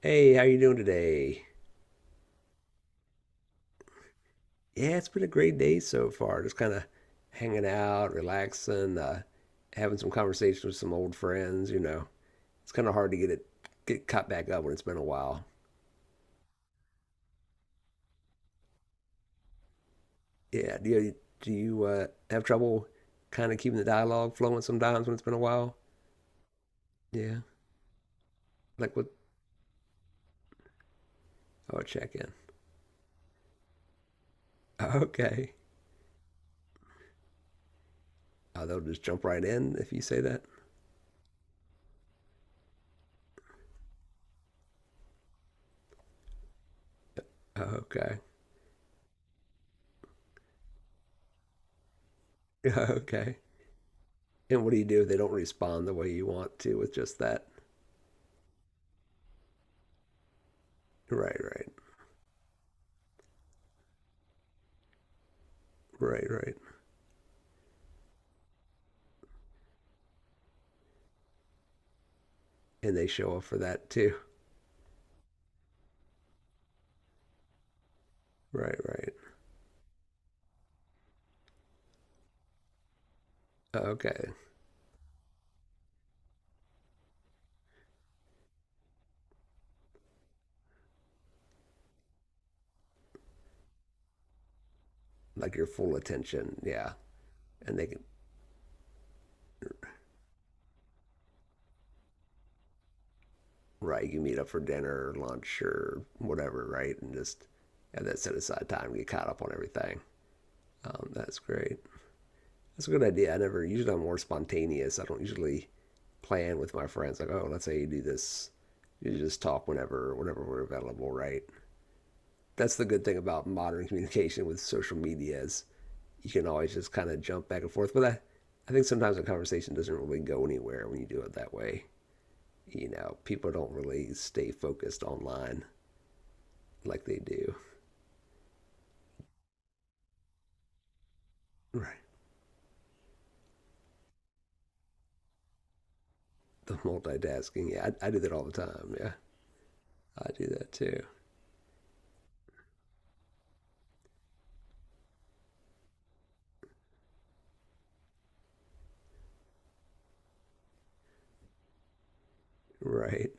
Hey, how you doing today? Yeah, it's been a great day so far. Just kind of hanging out, relaxing, having some conversations with some old friends. You know, it's kind of hard to get caught back up when it's been a while. Yeah, do you have trouble kind of keeping the dialogue flowing sometimes when it's been a while? Yeah, like what? Oh, check in. Okay. Oh, they'll just jump right in if you say that. Okay. Okay. And what do you do if they don't respond the way you want to with just that? Right, right, right, right, and they show up for that too. Right, right. Okay. Like your full attention. Yeah. And they can, right, you meet up for dinner or lunch or whatever, right? And just have that set aside time, get caught up on everything. That's great. That's a good idea. I never, usually I'm more spontaneous. I don't usually plan with my friends, like, oh, let's say you do this. You just talk whenever, whenever we're available, right? That's the good thing about modern communication with social media is you can always just kind of jump back and forth. I think sometimes a conversation doesn't really go anywhere when you do it that way. You know, people don't really stay focused online like they do. Right. The multitasking. Yeah, I do that all the time. Yeah, I do that too. Right.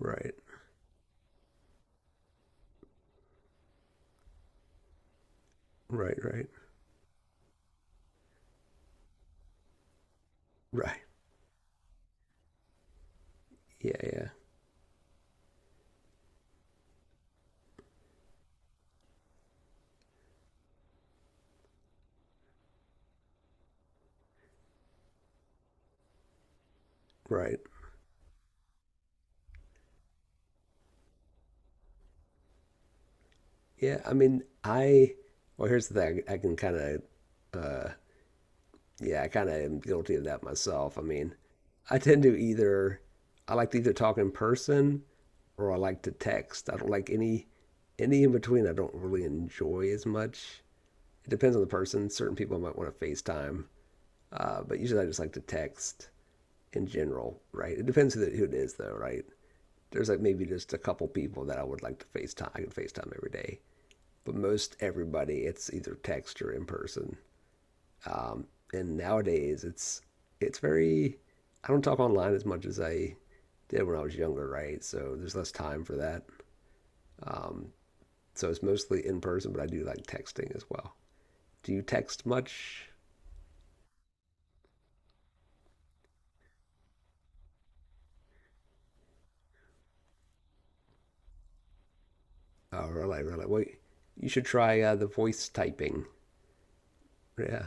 Right. Right. Right. Right. Yeah. Yeah. Right. Yeah. I mean, I. Well, here's the thing. I can kind of uh, Yeah, I kind of am guilty of that myself. I tend to either I like to either talk in person or I like to text. I don't like any in between. I don't really enjoy as much. It depends on the person. Certain people might want to FaceTime, but usually I just like to text in general, right? It depends who it is, though, right? There's like maybe just a couple people that I would like to FaceTime. I can FaceTime every day, but most everybody, it's either text or in person. Um, and nowadays, it's very. I don't talk online as much as I did when I was younger, right? So there's less time for that. Um, so it's mostly in person, but I do like texting as well. Do you text much? Oh, really. Well, you should try the voice typing. Yeah.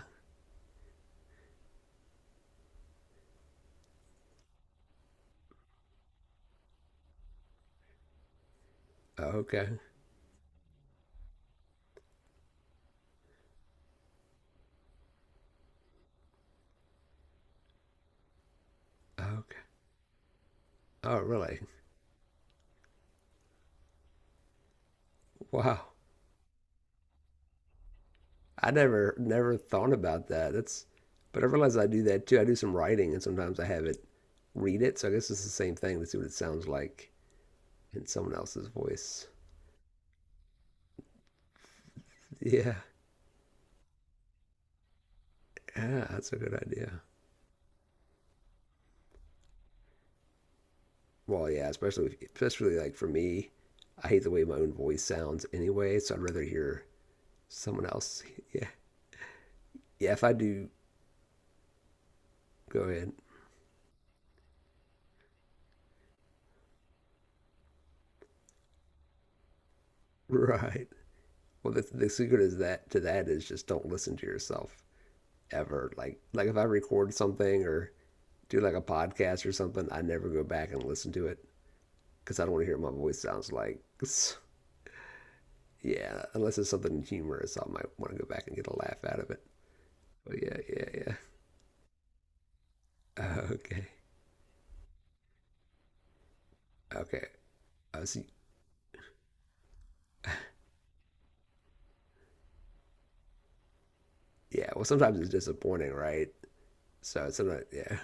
Oh, okay. Oh, okay. Oh, really? Wow. I never thought about that. That's, but I realize I do that too. I do some writing, and sometimes I have it read it. So I guess it's the same thing to see what it sounds like in someone else's voice. Yeah, yeah, that's a good idea. Well, yeah, especially like for me, I hate the way my own voice sounds anyway, so I'd rather hear someone else. Yeah, yeah. If I do, go ahead. Right. Well, the secret is that to that is just don't listen to yourself ever. Like if I record something or do like a podcast or something, I never go back and listen to it because I don't want to hear what my voice sounds like. Yeah, unless it's something humorous, I might want to go back and get a laugh out of it. Oh yeah, yeah, yeah. Okay, okay. I see. Yeah. Well, sometimes it's disappointing, right? So it's not. Yeah.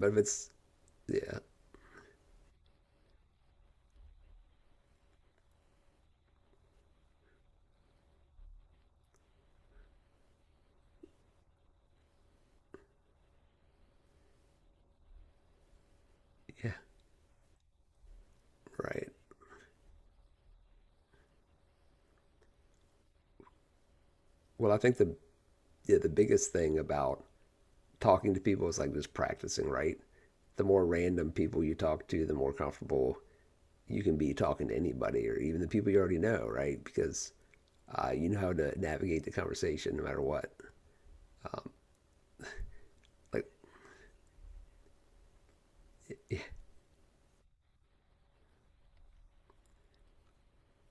But if it's yeah, yeah, right. Well, I think the yeah, the biggest thing about talking to people is like just practicing, right? The more random people you talk to, the more comfortable you can be talking to anybody or even the people you already know, right? Because you know how to navigate the conversation no matter what. Like,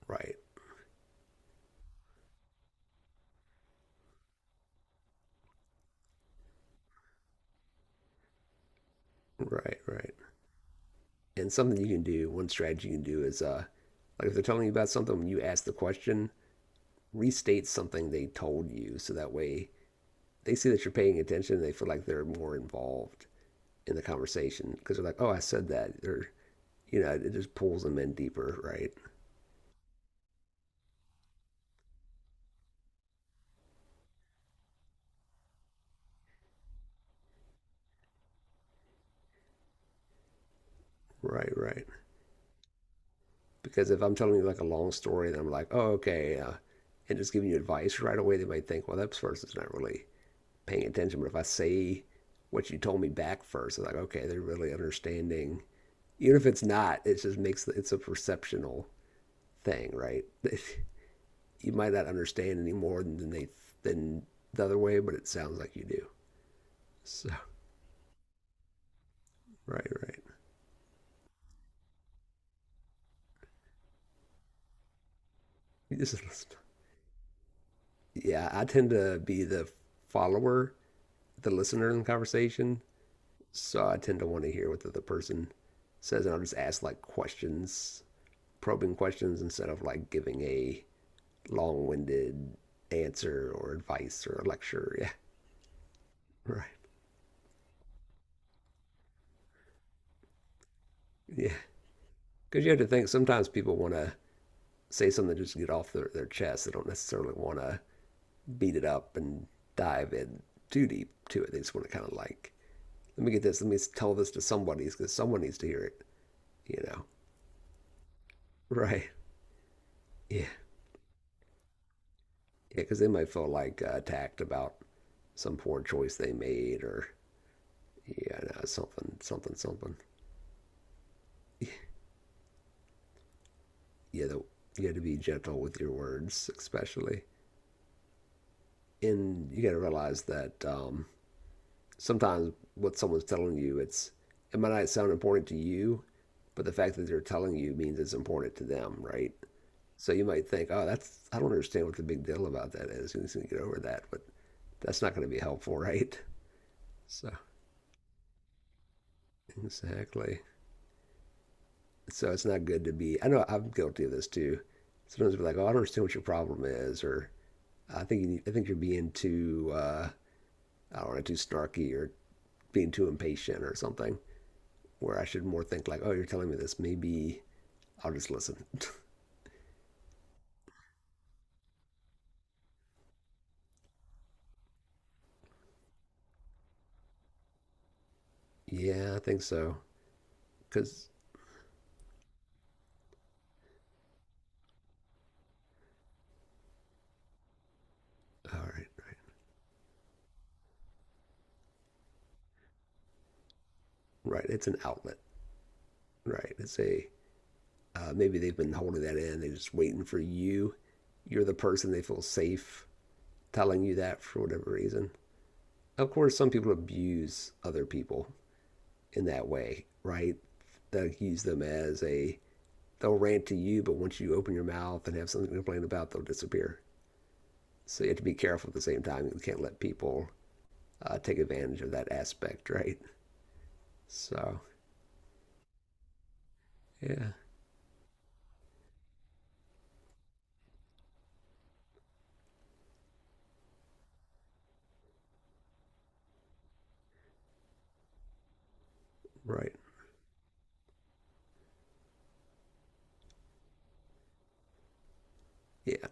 right, right, right. And something you can do, one strategy you can do is, like if they're telling you about something, when you ask the question, restate something they told you, so that way they see that you're paying attention. They feel like they're more involved in the conversation because they're like, "Oh, I said that," or you know, it just pulls them in deeper, right? Right, right. Because if I'm telling you like a long story, and I'm like, "Oh, okay," and just giving you advice right away, they might think, "Well, that person's not really paying attention." But if I say what you told me back first, they're like, "Okay, they're really understanding." Even if it's not, it just makes it's a perceptional thing, right? You might not understand any more than they than the other way, but it sounds like you do. So right, right. You just listen. Yeah, I tend to be the follower, the listener in the conversation. So I tend to want to hear what the other person says, and I'll just ask like questions, probing questions instead of like giving a long-winded answer or advice or a lecture. Yeah, right. Yeah, because you have to think sometimes people want to say something just to get off their chest. They don't necessarily want to beat it up and dive in too deep to it. They just want to kind of like, let me tell this to somebody because someone needs to hear it, you know? Right. Yeah. Yeah. Because they might feel like attacked about some poor choice they made, or yeah, no, something, something, something. Yeah. The, you have to be gentle with your words, especially. And you got to realize that sometimes what someone's telling you, it's it might not sound important to you, but the fact that they're telling you means it's important to them, right? So you might think, oh, that's I don't understand what the big deal about that is. You just need to get over that, but that's not going to be helpful, right? So exactly. So it's not good to be. I know I'm guilty of this too. Sometimes I'll be like, oh, I don't understand what your problem is, or I think you're being too I don't know, too snarky or being too impatient or something. Where I should more think like, oh, you're telling me this, maybe I'll just listen. Yeah, I think so. Because, all right, right. It's an outlet, right? Maybe they've been holding that in. They're just waiting for you. You're the person they feel safe telling you that for whatever reason. Of course, some people abuse other people in that way, right? They'll use them as a, they'll rant to you, but once you open your mouth and have something to complain about, they'll disappear. So you have to be careful at the same time. You can't let people take advantage of that aspect, right? So, yeah. Right. Yeah,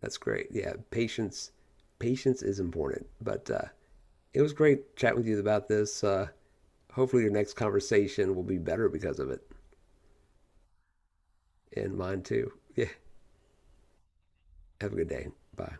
that's great. Yeah, patience is important. But it was great chatting with you about this. Hopefully, your next conversation will be better because of it, and mine too. Yeah. Have a good day. Bye.